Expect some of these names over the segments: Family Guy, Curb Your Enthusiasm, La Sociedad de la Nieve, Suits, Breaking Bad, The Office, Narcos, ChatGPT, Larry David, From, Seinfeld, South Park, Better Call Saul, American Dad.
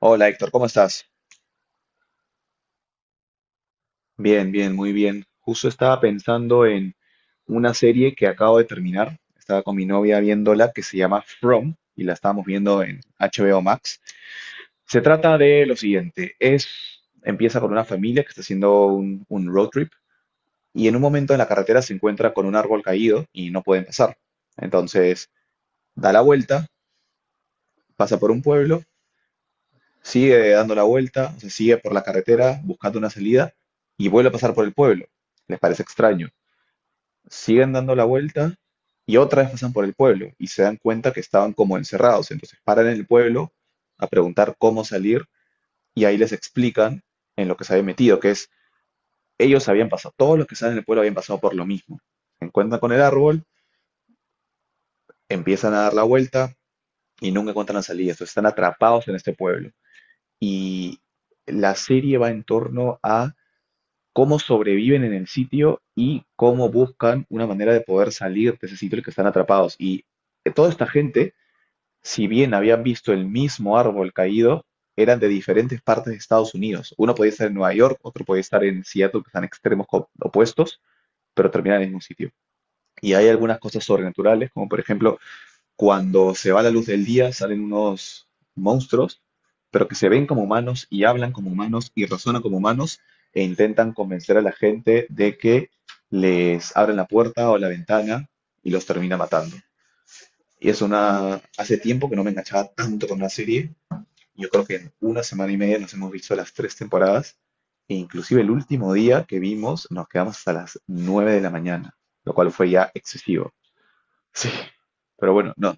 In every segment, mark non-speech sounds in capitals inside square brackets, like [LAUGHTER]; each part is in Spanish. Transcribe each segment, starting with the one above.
Hola Héctor, ¿cómo estás? Bien, bien, muy bien. Justo estaba pensando en una serie que acabo de terminar. Estaba con mi novia viéndola que se llama From y la estábamos viendo en HBO Max. Se trata de lo siguiente, empieza con una familia que está haciendo un road trip y en un momento en la carretera se encuentra con un árbol caído y no pueden pasar. Entonces da la vuelta, pasa por un pueblo. Sigue dando la vuelta, se sigue por la carretera buscando una salida y vuelve a pasar por el pueblo. Les parece extraño. Siguen dando la vuelta y otra vez pasan por el pueblo y se dan cuenta que estaban como encerrados. Entonces paran en el pueblo a preguntar cómo salir y ahí les explican en lo que se habían metido, que es ellos habían pasado, todos los que estaban en el pueblo habían pasado por lo mismo. Se encuentran con el árbol, empiezan a dar la vuelta y nunca encuentran la salida. Entonces están atrapados en este pueblo. Y la serie va en torno a cómo sobreviven en el sitio y cómo buscan una manera de poder salir de ese sitio en el que están atrapados. Y toda esta gente, si bien habían visto el mismo árbol caído, eran de diferentes partes de Estados Unidos. Uno podía estar en Nueva York, otro podía estar en Seattle, que están extremos opuestos, pero terminan en el mismo sitio. Y hay algunas cosas sobrenaturales, como por ejemplo cuando se va la luz del día, salen unos monstruos, pero que se ven como humanos y hablan como humanos y razonan como humanos e intentan convencer a la gente de que les abren la puerta o la ventana y los termina matando. Hace tiempo que no me enganchaba tanto con una serie. Yo creo que en una semana y media nos hemos visto las tres temporadas. E inclusive el último día que vimos nos quedamos hasta las 9 de la mañana, lo cual fue ya excesivo. Sí. Pero bueno, no,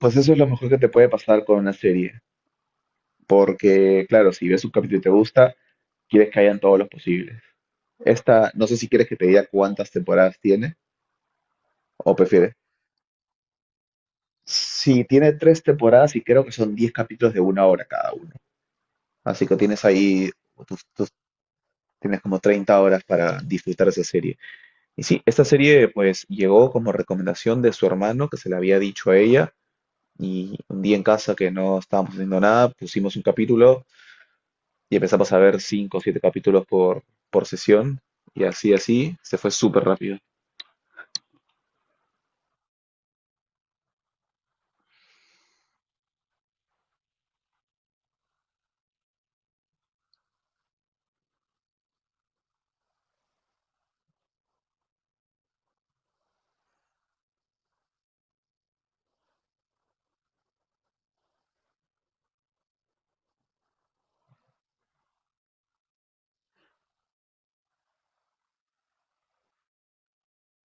pues eso es lo mejor que te puede pasar con una serie, porque claro, si ves un capítulo y te gusta, quieres que hayan todos los posibles. Esta, no sé si quieres que te diga cuántas temporadas tiene o prefieres. Si tiene tres temporadas y creo que son 10 capítulos de una hora cada uno. Así que tienes ahí, tú tienes como 30 horas para disfrutar esa serie. Y sí, esta serie pues llegó como recomendación de su hermano que se le había dicho a ella y un día en casa que no estábamos haciendo nada, pusimos un capítulo y empezamos a ver cinco o siete capítulos por sesión y así, se fue súper rápido.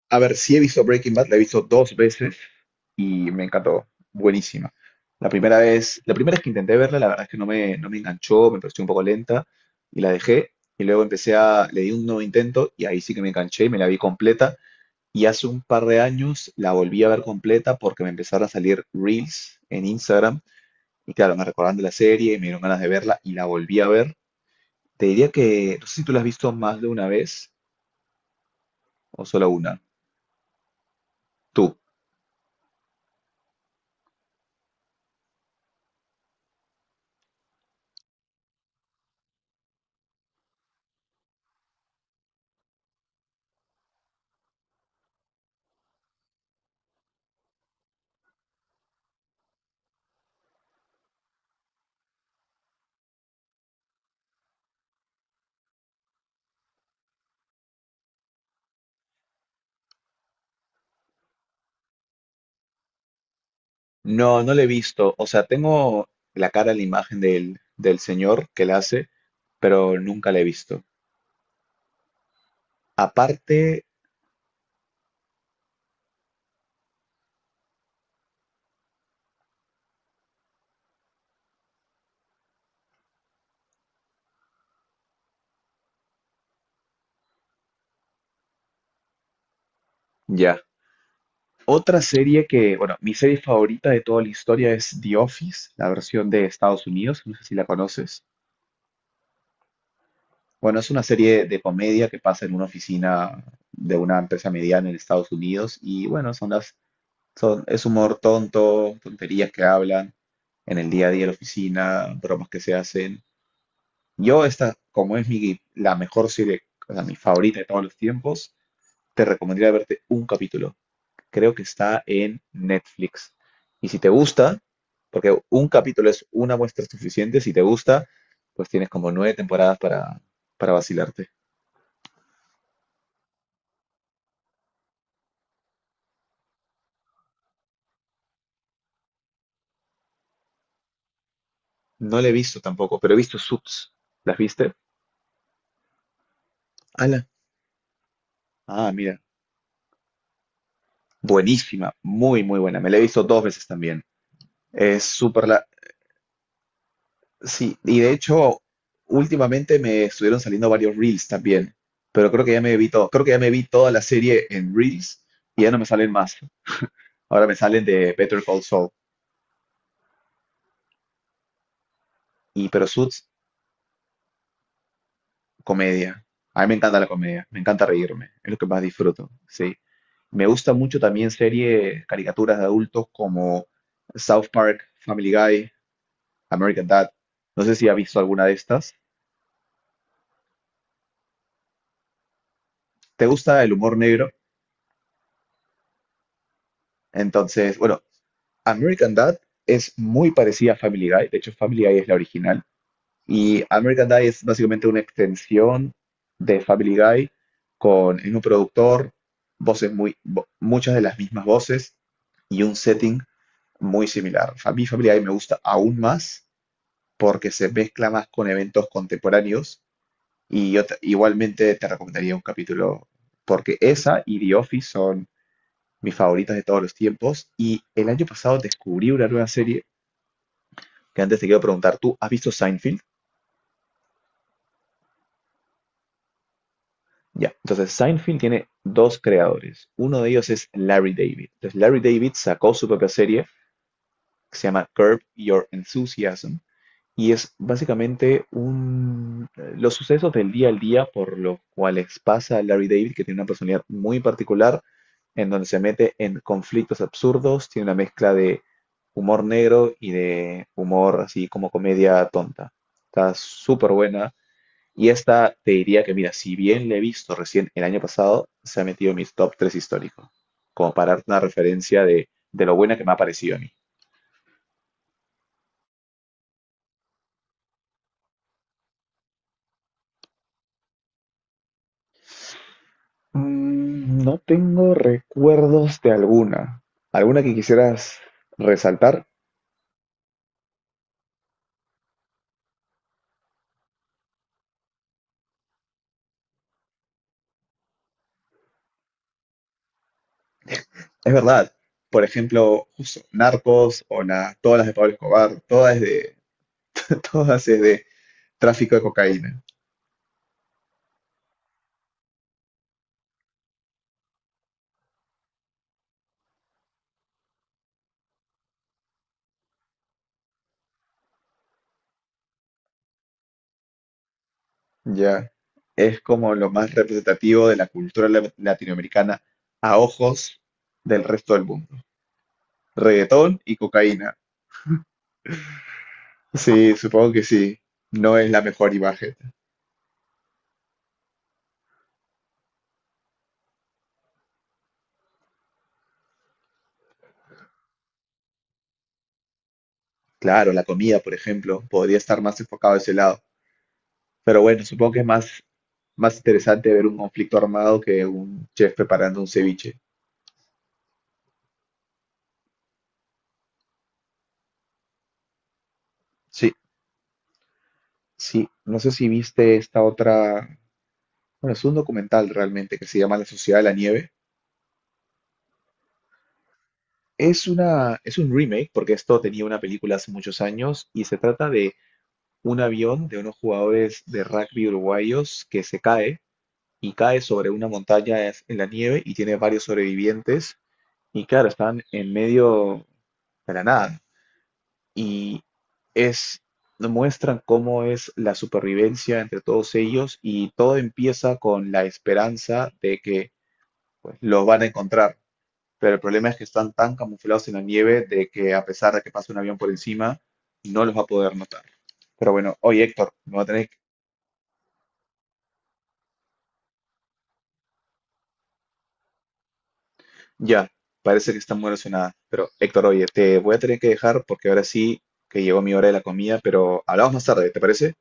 A ver, sí he visto Breaking Bad, la he visto dos veces y me encantó, buenísima. La primera vez que intenté verla, la verdad es que no me enganchó, me pareció un poco lenta y la dejé. Y luego empecé a, le di un nuevo intento y ahí sí que me enganché y me la vi completa. Y hace un par de años la volví a ver completa porque me empezaron a salir reels en Instagram. Y claro, me recordaron de la serie, me dieron ganas de verla y la volví a ver. Te diría que, no sé si tú la has visto más de una vez o solo una. Tú. No, no la he visto. O sea, tengo la cara, la imagen del señor que la hace, pero nunca la he visto. Aparte, ya. Otra serie que, bueno, mi serie favorita de toda la historia es The Office, la versión de Estados Unidos, no sé si la conoces. Bueno, es una serie de comedia que pasa en una oficina de una empresa mediana en Estados Unidos y bueno, es humor tonto, tonterías que hablan en el día a día de la oficina, bromas que se hacen. Yo esta, como es mi, la mejor serie, o sea, mi favorita de todos los tiempos, te recomendaría verte un capítulo. Creo que está en Netflix. Y si te gusta, porque un capítulo es una muestra suficiente, si te gusta, pues tienes como nueve temporadas para vacilarte. No la he visto tampoco, pero he visto Suits. ¿Las viste? Ala. Ah, mira. Buenísima, muy, muy buena. Me la he visto dos veces también. Es súper la... Sí, y de hecho, últimamente me estuvieron saliendo varios Reels también, pero creo que ya me vi todo. Creo que ya me vi toda la serie en Reels y ya no me salen más. Ahora me salen de Better Call Saul. Y pero Suits, comedia. A mí me encanta la comedia, me encanta reírme, es lo que más disfruto, sí. Me gusta mucho también series, caricaturas de adultos como South Park, Family Guy, American Dad. No sé si ha visto alguna de estas. Te gusta el humor negro, entonces, bueno, American Dad es muy parecida a Family Guy, de hecho Family Guy es la original, y American Dad es básicamente una extensión de Family Guy con el mismo productor, voces muy, muchas de las mismas voces y un setting muy similar. A mí Family Guy me gusta aún más porque se mezcla más con eventos contemporáneos y yo igualmente te recomendaría un capítulo porque esa y The Office son mis favoritas de todos los tiempos. Y el año pasado descubrí una nueva serie que antes te quiero preguntar, ¿tú has visto Seinfeld? Ya, entonces Seinfeld tiene dos creadores. Uno de ellos es Larry David. Entonces Larry David sacó su propia serie que se llama Curb Your Enthusiasm. Y es básicamente un, los sucesos del día al día por los cuales pasa Larry David, que tiene una personalidad muy particular, en donde se mete en conflictos absurdos, tiene una mezcla de humor negro y de humor así como comedia tonta. Está súper buena. Y esta te diría que, mira, si bien la he visto recién el año pasado, se ha metido en mis top 3 históricos, como para darte una referencia de lo buena que me ha parecido a mí. Mm, no tengo recuerdos de alguna. ¿Alguna que quisieras resaltar? Es verdad. Por ejemplo, justo Narcos o todas las de Pablo Escobar, todas es de, [LAUGHS] todas es de tráfico de cocaína. Ya. Es como lo más representativo de la cultura latinoamericana a ojos del resto del mundo. Reggaetón y cocaína. Sí, supongo que sí. No es la mejor imagen. Claro, la comida, por ejemplo, podría estar más enfocado a ese lado. Pero bueno, supongo que es más, más interesante ver un conflicto armado que un chef preparando un ceviche. Sí, sí, no sé si viste esta otra, bueno, es un documental realmente que se llama La Sociedad de la Nieve. Es un remake porque esto tenía una película hace muchos años y se trata de un avión de unos jugadores de rugby uruguayos que se cae y cae sobre una montaña en la nieve y tiene varios sobrevivientes y claro, están en medio de la nada. y es, Muestran cómo es la supervivencia entre todos ellos y todo empieza con la esperanza de que pues, los van a encontrar. Pero el problema es que están tan camuflados en la nieve de que a pesar de que pase un avión por encima, no los va a poder notar. Pero bueno, oye Héctor, me va a tener que- Ya, parece que está muy relacionada. Pero Héctor, oye, te voy a tener que dejar porque ahora sí que llegó mi hora de la comida, pero hablamos más tarde, ¿te parece?